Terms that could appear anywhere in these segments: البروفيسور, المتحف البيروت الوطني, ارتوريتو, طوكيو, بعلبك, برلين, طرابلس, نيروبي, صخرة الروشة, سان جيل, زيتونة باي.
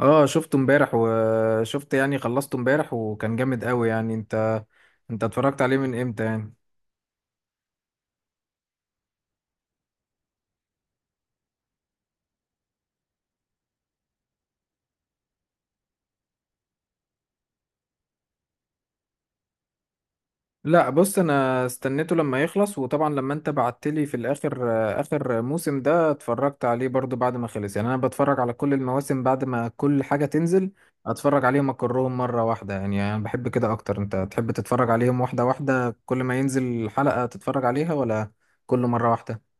اه، شفته امبارح. يعني خلصته امبارح، وكان جامد قوي، يعني. انت اتفرجت عليه من امتى يعني؟ لا، بص، انا استنيته لما يخلص. وطبعا لما انت بعتلي في الاخر، اخر موسم ده اتفرجت عليه برضو بعد ما خلص، يعني. انا بتفرج على كل المواسم بعد ما كل حاجة تنزل، اتفرج عليهم اكرهم مرة واحدة. يعني انا بحب كده اكتر. انت تحب تتفرج عليهم واحدة واحدة، كل ما ينزل حلقة تتفرج عليها، ولا كل مرة واحدة؟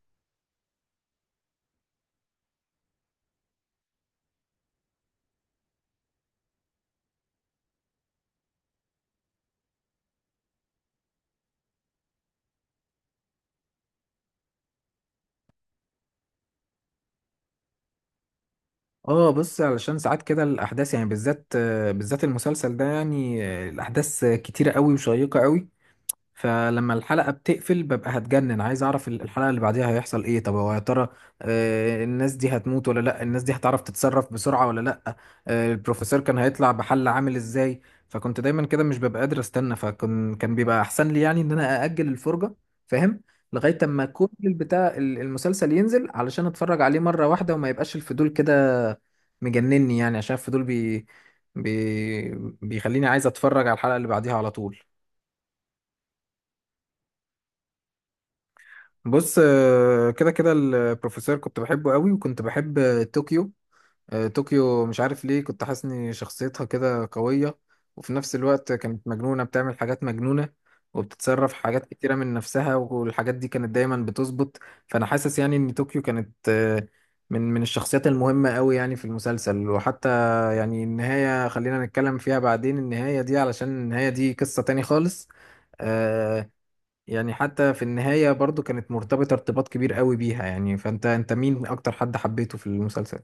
اه، بص، علشان ساعات كده الاحداث يعني بالذات، بالذات المسلسل ده، يعني، الاحداث كتيره قوي وشيقه قوي. فلما الحلقة بتقفل ببقى هتجنن، عايز اعرف الحلقة اللي بعديها هيحصل ايه. طب هو يا ترى، الناس دي هتموت ولا لا؟ الناس دي هتعرف تتصرف بسرعة ولا لا؟ البروفيسور كان هيطلع بحل عامل ازاي؟ فكنت دايما كده مش ببقى قادر استنى، فكان بيبقى احسن لي يعني ان انا ااجل الفرجة، فاهم؟ لغاية اما كل البتاع المسلسل ينزل علشان اتفرج عليه مرة واحدة، وما يبقاش الفضول كده مجنني، يعني عشان الفضول بي بي بيخليني عايز اتفرج على الحلقة اللي بعديها على طول. بص، كده كده البروفيسور كنت بحبه قوي، وكنت بحب طوكيو. طوكيو، مش عارف ليه كنت حاسس ان شخصيتها كده قوية، وفي نفس الوقت كانت مجنونة، بتعمل حاجات مجنونة وبتتصرف في حاجات كتيرة من نفسها، والحاجات دي كانت دايما بتظبط. فأنا حاسس يعني ان طوكيو كانت من الشخصيات المهمة قوي يعني في المسلسل. وحتى يعني النهاية، خلينا نتكلم فيها بعدين، النهاية دي علشان النهاية دي قصة تاني خالص. آه، يعني حتى في النهاية برضو كانت مرتبطة ارتباط كبير قوي بيها، يعني. فانت مين اكتر حد حبيته في المسلسل؟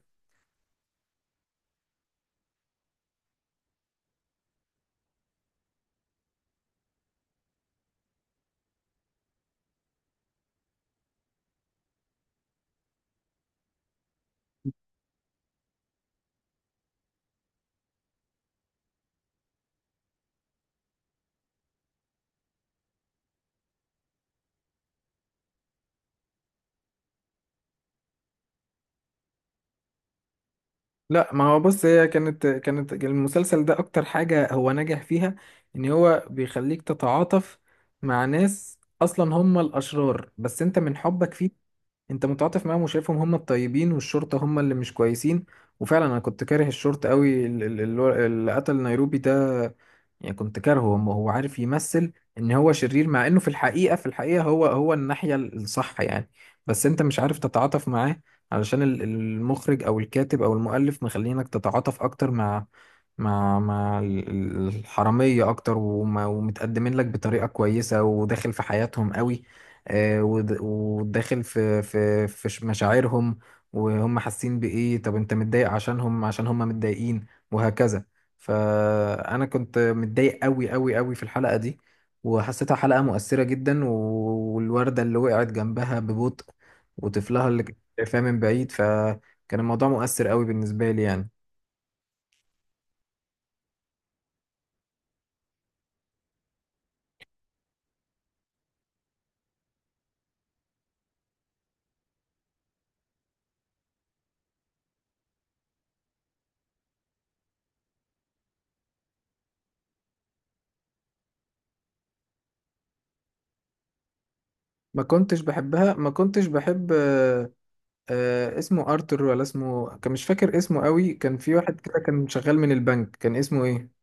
لا، ما هو بص، هي كانت المسلسل ده اكتر حاجة هو نجح فيها ان هو بيخليك تتعاطف مع ناس اصلا هم الاشرار، بس انت من حبك فيه، انت متعاطف معاهم وشايفهم هم الطيبين، والشرطة هم اللي مش كويسين. وفعلا انا كنت كاره الشرطة قوي، اللي قتل نيروبي ده يعني كنت كارهه. هو عارف يمثل ان هو شرير، مع انه في الحقيقة هو الناحية الصح، يعني. بس انت مش عارف تتعاطف معاه علشان المخرج او الكاتب او المؤلف مخلينك تتعاطف اكتر مع الحرامية اكتر، ومتقدمين لك بطريقة كويسة، وداخل في حياتهم قوي، وداخل في مشاعرهم وهم حاسين بايه. طب انت متضايق عشانهم عشان هم متضايقين، وهكذا. فانا كنت متضايق قوي قوي قوي في الحلقة دي، وحسيتها حلقة مؤثرة جدا، والوردة اللي وقعت جنبها ببطء، وطفلها اللي شايفاها من بعيد، فكان الموضوع مؤثر قوي بالنسبة لي، يعني. ما كنتش بحبها، ما كنتش بحب اسمه ارتر ولا اسمه، كان مش فاكر اسمه قوي. كان في واحد كده كان شغال من البنك، كان اسمه ايه؟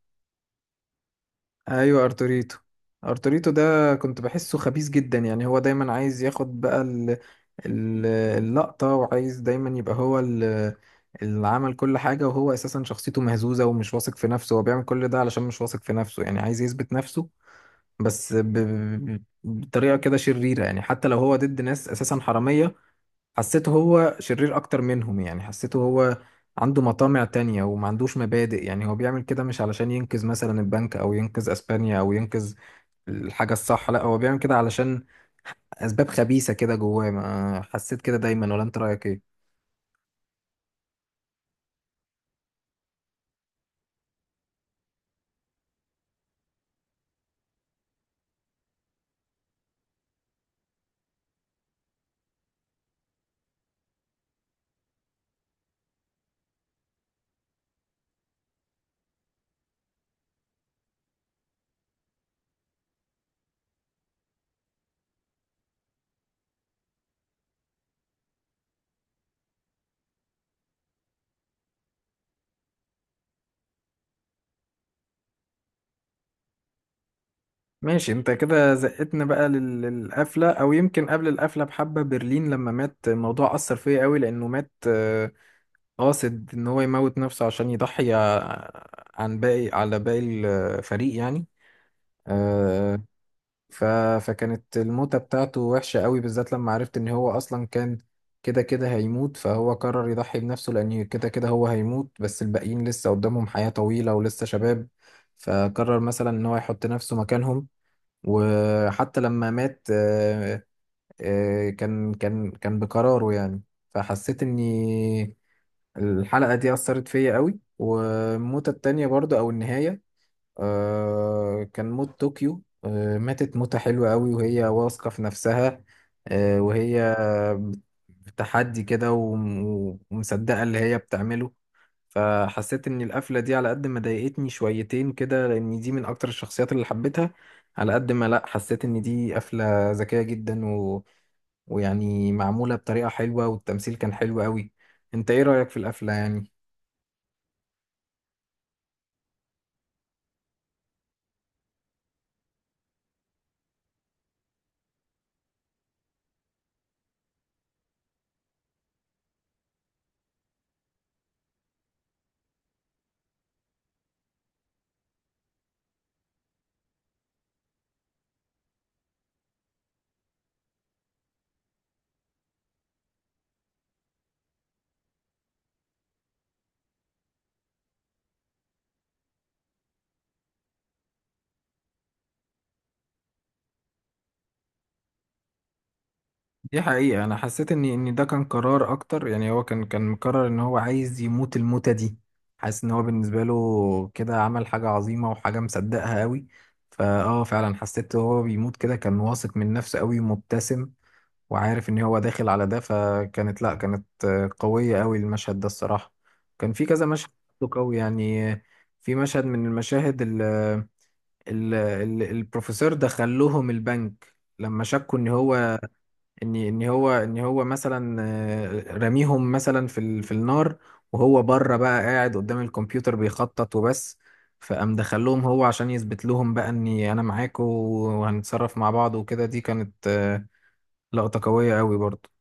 ايوه، ارتوريتو. ارتوريتو ده كنت بحسه خبيث جدا، يعني هو دايما عايز ياخد بقى اللقطة، وعايز دايما يبقى هو اللي عمل كل حاجة، وهو اساسا شخصيته مهزوزة ومش واثق في نفسه، هو بيعمل كل ده علشان مش واثق في نفسه، يعني عايز يثبت نفسه، بس بطريقة كده شريرة، يعني. حتى لو هو ضد ناس أساسا حرامية، حسيته هو شرير أكتر منهم، يعني حسيته هو عنده مطامع تانية وما عندوش مبادئ، يعني هو بيعمل كده مش علشان ينقذ مثلا البنك أو ينقذ أسبانيا أو ينقذ الحاجة الصح. لا، هو بيعمل كده علشان أسباب خبيثة كده جواه. ما حسيت كده دايما، ولا أنت رأيك إيه؟ ماشي، انت كده زقتنا بقى للقفلة او يمكن قبل القفلة بحبة. برلين لما مات الموضوع أثر فيا قوي، لأنه مات قاصد ان هو يموت نفسه عشان يضحي عن باقي، على باقي الفريق، يعني. آه، ف فكانت الموتة بتاعته وحشة قوي، بالذات لما عرفت ان هو اصلا كان كده كده هيموت، فهو قرر يضحي بنفسه لان كده كده هو هيموت، بس الباقيين لسه قدامهم حياة طويلة ولسه شباب. فقرر مثلا ان هو يحط نفسه مكانهم. وحتى لما مات، كان بقراره، يعني. فحسيت اني الحلقة دي أثرت فيا قوي، والموتة التانية برضه أو النهاية، كان موت طوكيو. ماتت موتة حلوة قوي وهي واثقة في نفسها، وهي بتحدي كده ومصدقة اللي هي بتعمله. فحسيت إن القفلة دي على قد ما ضايقتني شويتين كده، لأن دي من أكتر الشخصيات اللي حبيتها، على قد ما، لأ، حسيت إن دي قفلة ذكية جدا، ويعني معمولة بطريقة حلوة، والتمثيل كان حلو قوي. أنت إيه رأيك في القفلة يعني؟ دي حقيقة، أنا حسيت إن ده كان قرار أكتر، يعني هو كان مقرر إن هو عايز يموت الموتة دي. حاسس إن هو بالنسبة له كده عمل حاجة عظيمة، وحاجة مصدقها أوي. فا آه فعلا حسيت هو بيموت كده كان واثق من نفسه أوي ومبتسم، وعارف إن هو داخل على ده. فكانت، لأ، كانت قوية أوي المشهد ده، الصراحة. كان في كذا مشهد قوي، يعني. في مشهد من المشاهد ال ال ال البروفيسور دخل لهم البنك لما شكوا ان هو مثلا رميهم مثلا في النار، وهو بره بقى قاعد قدام الكمبيوتر بيخطط وبس. فقام دخلهم هو عشان يثبت لهم بقى اني انا معاكم وهنتصرف مع بعض وكده. دي كانت لقطة قوية قوي برضه.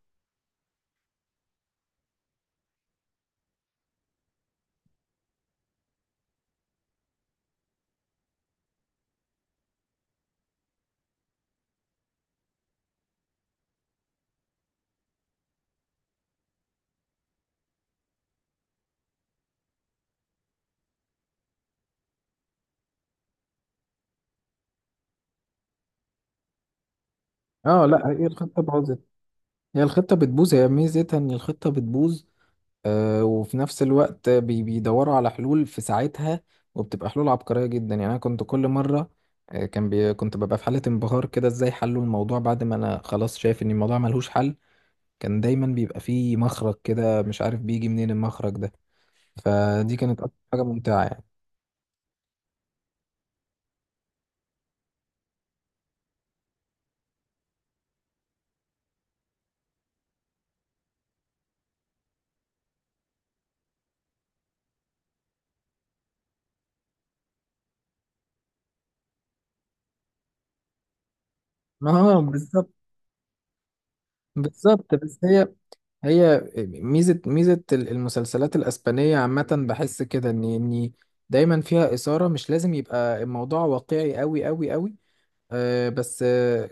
اه لا، هي الخطة باظت. هي الخطة بتبوظ، هي ميزتها ان الخطة بتبوظ. وفي نفس الوقت بيدوروا على حلول في ساعتها، وبتبقى حلول عبقرية جدا، يعني. أنا كنت كل مرة كنت ببقى في حالة انبهار كده إزاي حلوا الموضوع، بعد ما أنا خلاص شايف إن الموضوع ملهوش حل. كان دايما بيبقى فيه مخرج كده، مش عارف بيجي منين المخرج ده. فدي كانت أكتر حاجة ممتعة، يعني. اه، بالظبط. بالظبط، بس هي ميزة المسلسلات الأسبانية عامة، بحس كده إن دايما فيها إثارة، مش لازم يبقى الموضوع واقعي أوي أوي أوي، بس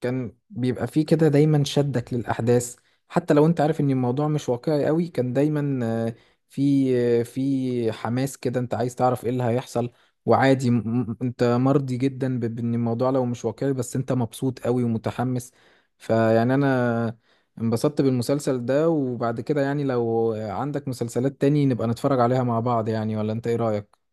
كان بيبقى فيه كده دايما شدك للأحداث، حتى لو انت عارف ان الموضوع مش واقعي قوي، كان دايما في في حماس كده، انت عايز تعرف ايه اللي هيحصل. وعادي، انت مرضي جدا بان الموضوع لو مش واقعي، بس انت مبسوط قوي ومتحمس. فيعني انا انبسطت بالمسلسل ده. وبعد كده يعني لو عندك مسلسلات تاني نبقى نتفرج عليها مع بعض، يعني. ولا انت ايه رأيك؟